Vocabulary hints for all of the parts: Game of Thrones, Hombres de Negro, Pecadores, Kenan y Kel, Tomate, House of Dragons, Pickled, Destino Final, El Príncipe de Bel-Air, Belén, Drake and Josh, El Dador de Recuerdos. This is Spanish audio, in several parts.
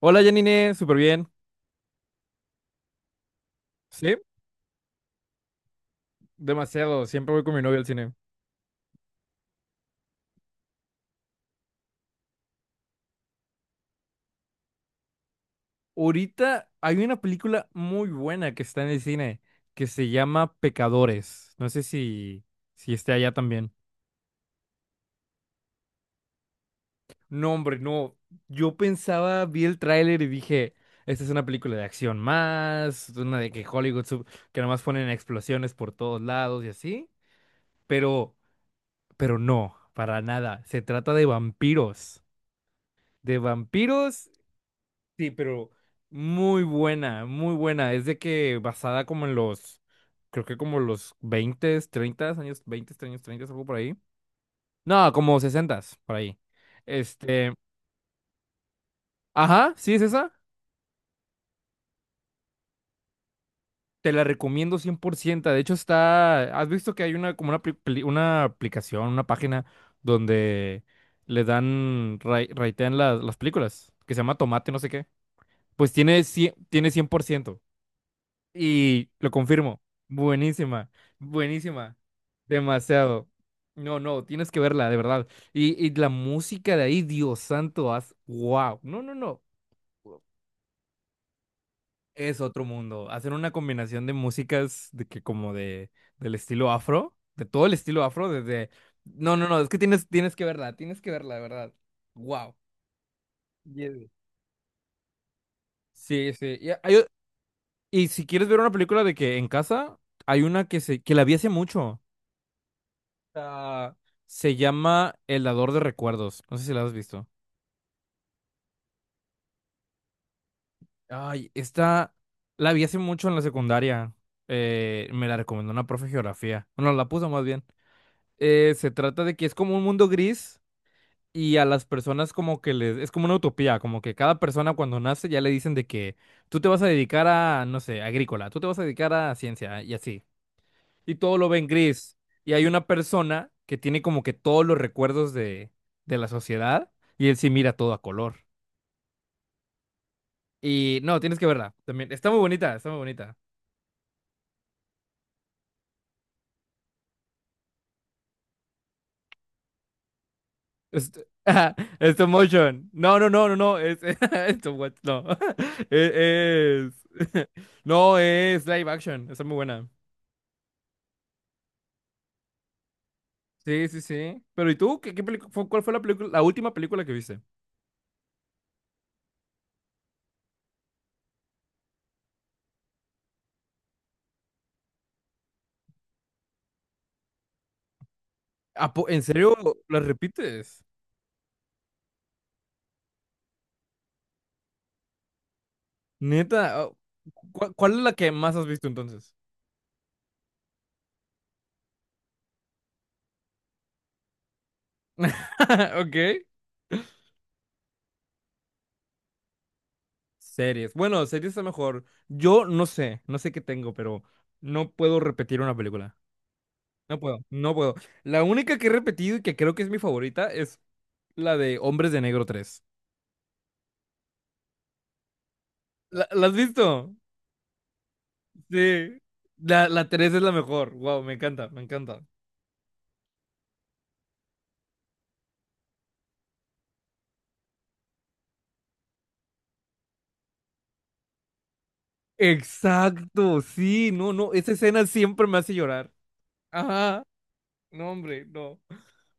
Hola Janine, súper bien. Sí, demasiado. Siempre voy con mi novia al cine. Ahorita hay una película muy buena que está en el cine que se llama Pecadores. No sé si esté allá también. No, hombre, no. Yo pensaba, vi el tráiler y dije, esta es una película de acción más, una de que Hollywood, que nomás ponen explosiones por todos lados y así. Pero, pero no, para nada. Se trata de vampiros. De vampiros. Sí, pero muy buena, muy buena. Es de que basada como en los, creo que como los 20, 30 años, 20, años, 30 algo por ahí. No, como 60, por ahí. Este, ajá, sí es esa. Te la recomiendo 100%. De hecho está, has visto que hay una como una, una aplicación, una página donde le dan, ratean las películas, que se llama Tomate, no sé qué. Pues tiene, tiene 100%. Y lo confirmo, buenísima, buenísima, demasiado. No, no, tienes que verla, de verdad. Y la música de ahí, Dios santo, haz, wow. No, no, no. Es otro mundo. Hacen una combinación de músicas de que como de del estilo afro, de todo el estilo afro, desde. No, no, no, es que tienes, tienes que verla, de verdad. Wow. Sí, sí. Y si quieres ver una película de que en casa, hay una que se, que la vi hace mucho. Ah, Se llama El Dador de Recuerdos. No sé si la has visto. Ay, esta la vi hace mucho en la secundaria. Me la recomendó una profe de geografía. Bueno, la puso más bien. Se trata de que es como un mundo gris y a las personas como que les... Es como una utopía, como que cada persona cuando nace ya le dicen de que tú te vas a dedicar a, no sé, agrícola, tú te vas a dedicar a ciencia y así. Y todo lo ven gris. Y hay una persona que tiene como que todos los recuerdos de la sociedad y él sí mira todo a color. Y no, tienes que verla también. Está muy bonita, está muy bonita. Es- Stop motion. No, no, no, no, no. Es, no. Es, es- No, es live action. Está muy buena. Sí, sí, sí. Pero ¿y tú? ¿Cuál fue la película, la última película que viste? ¿En serio la repites? Neta, ah, ¿cuál es la que más has visto entonces? Ok. Series. Bueno, series es mejor. Yo no sé, no sé qué tengo, pero no puedo repetir una película. No puedo, no puedo. La única que he repetido y que creo que es mi favorita es la de Hombres de Negro 3. ¿La has visto? Sí. La 3 es la mejor. Wow, me encanta, me encanta. Exacto, sí, no, no, esa escena siempre me hace llorar. Ajá. No, hombre, no.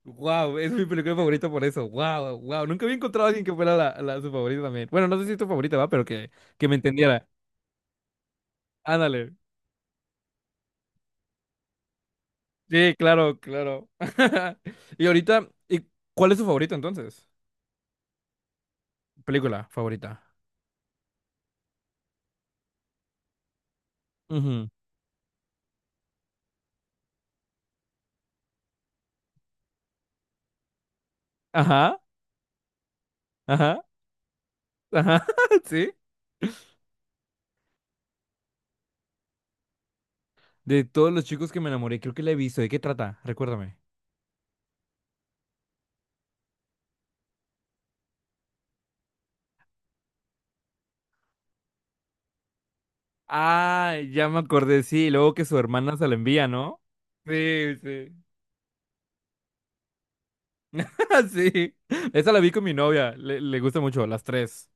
Wow, es mi película favorita por eso. Wow, wow. Nunca había encontrado a alguien que fuera su favorita también. Bueno, no sé si es tu favorita, va, pero que me entendiera. Ándale. Sí, claro, claro. Y ahorita, ¿y cuál es tu favorita entonces? Película favorita. Ujú. Ajá, ajá, ajá. Sí. De todos los chicos que me enamoré, creo que la he visto. ¿De qué trata? Recuérdame. Ah, ya me acordé, sí. Y luego que su hermana se la envía, ¿no? Sí, sí. Sí, esa la vi con mi novia, le gusta mucho, las tres.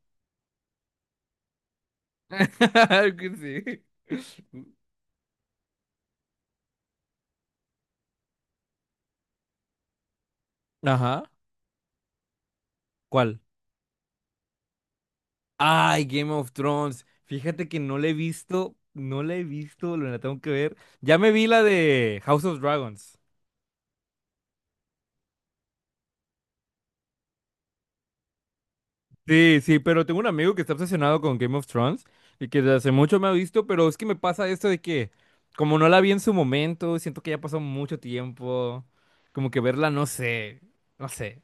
Que sí. Ajá, ¿cuál? Ay, Game of Thrones. Fíjate que no la he visto, no la he visto, lo la tengo que ver. Ya me vi la de House of Dragons. Sí, sí, pero tengo un amigo que está obsesionado con Game of Thrones y que desde hace mucho me ha visto, pero es que me pasa esto de que, como no la vi en su momento, siento que ya pasó mucho tiempo, como que verla, no sé, no sé,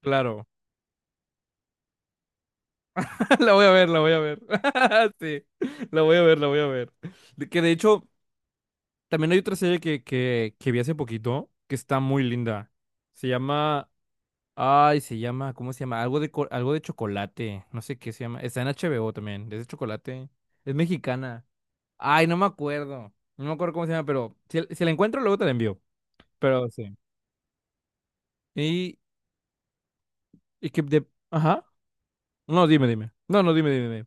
claro. La voy a ver, la voy a ver. Sí, la voy a ver, la voy a ver. De que de hecho, también hay otra serie que vi hace poquito que está muy linda. Se llama. Ay, se llama. ¿Cómo se llama? Algo de, algo de chocolate. No sé qué se llama. Está en HBO también. Es de chocolate. Es mexicana. Ay, no me acuerdo. No me acuerdo cómo se llama, pero si la encuentro, luego te la envío. Pero sí. Y, y que de. Ajá. No, dime, dime. No, no, dime, dime, dime.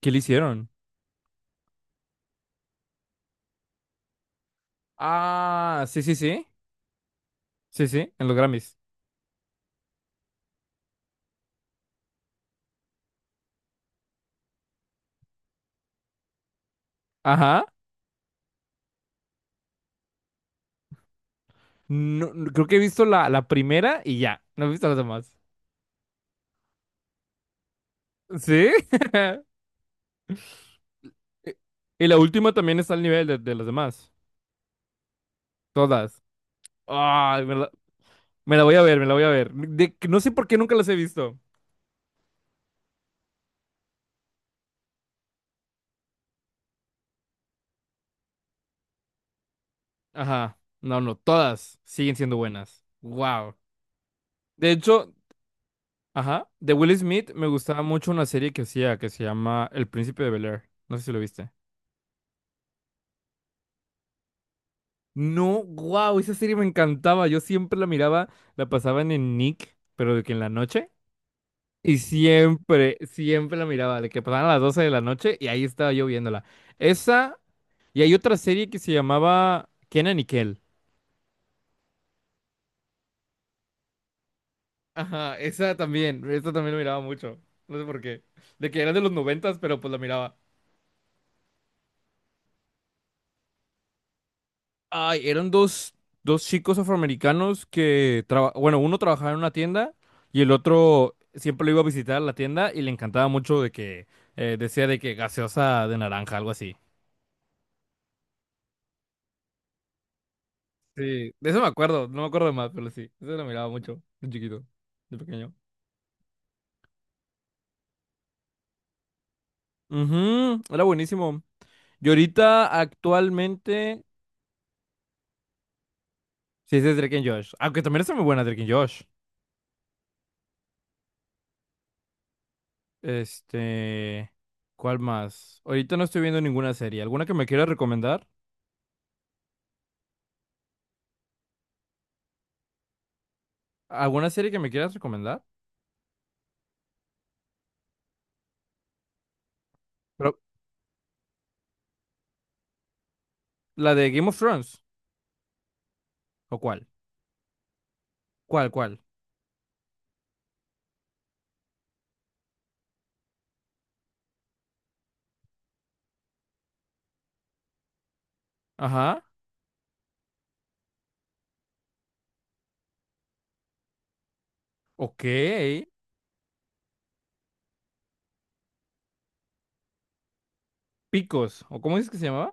¿Qué le hicieron? Ah, sí, sí, sí. Sí, sí, en los Grammys. Ajá. Creo que he visto la primera y ya. No he visto las demás. ¿Sí? Y la última también está al nivel de las demás. Todas. Ay, me la voy a ver, me la voy a ver. De que no sé por qué nunca las he visto. Ajá. No, no, todas siguen siendo buenas. Wow. De hecho, ajá, de Will Smith me gustaba mucho una serie que hacía que se llama El Príncipe de Bel-Air. No sé si lo viste. No, wow, esa serie me encantaba. Yo siempre la miraba, la pasaban en Nick, pero de que en la noche. Y siempre, siempre la miraba, de que pasaban a las 12 de la noche y ahí estaba yo viéndola. Esa, y hay otra serie que se llamaba Kenan y Kel. Ajá, esa también la miraba mucho. No sé por qué. De que era de los noventas, pero pues la miraba. Ay, eran dos, dos chicos afroamericanos que, bueno, uno trabajaba en una tienda y el otro siempre lo iba a visitar a la tienda y le encantaba mucho de que decía de que gaseosa de naranja, algo así. Sí, de eso me acuerdo, no me acuerdo de más, pero sí, eso lo miraba mucho, de chiquito, de pequeño. Ujú, era buenísimo. Y ahorita, actualmente, sí, ese es Drake and Josh. Aunque también está muy buena Drake and Josh. Este, ¿Cuál más? Ahorita no estoy viendo ninguna serie. ¿Alguna que me quieras recomendar? ¿Alguna serie que me quieras recomendar? Pero, ¿la de Game of Thrones? ¿O cuál? ¿Cuál, cuál? Ajá, ok. Picos, ¿o cómo es que se llamaba?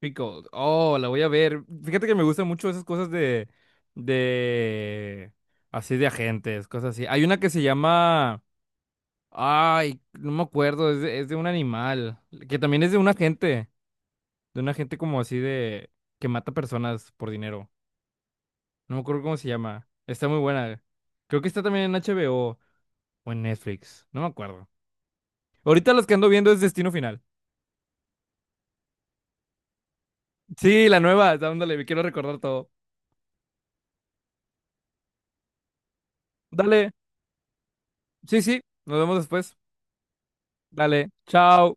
Pickled. Oh, la voy a ver. Fíjate que me gustan mucho esas cosas de, así de agentes, cosas así. Hay una que se llama, ay, no me acuerdo, es de un animal, que también es de un agente como así de, que mata personas por dinero. No me acuerdo cómo se llama. Está muy buena. Creo que está también en HBO o en Netflix, no me acuerdo. Ahorita las que ando viendo es Destino Final. Sí, la nueva, dándole, quiero recordar todo. Dale, sí, sí, nos vemos después. Dale, chao.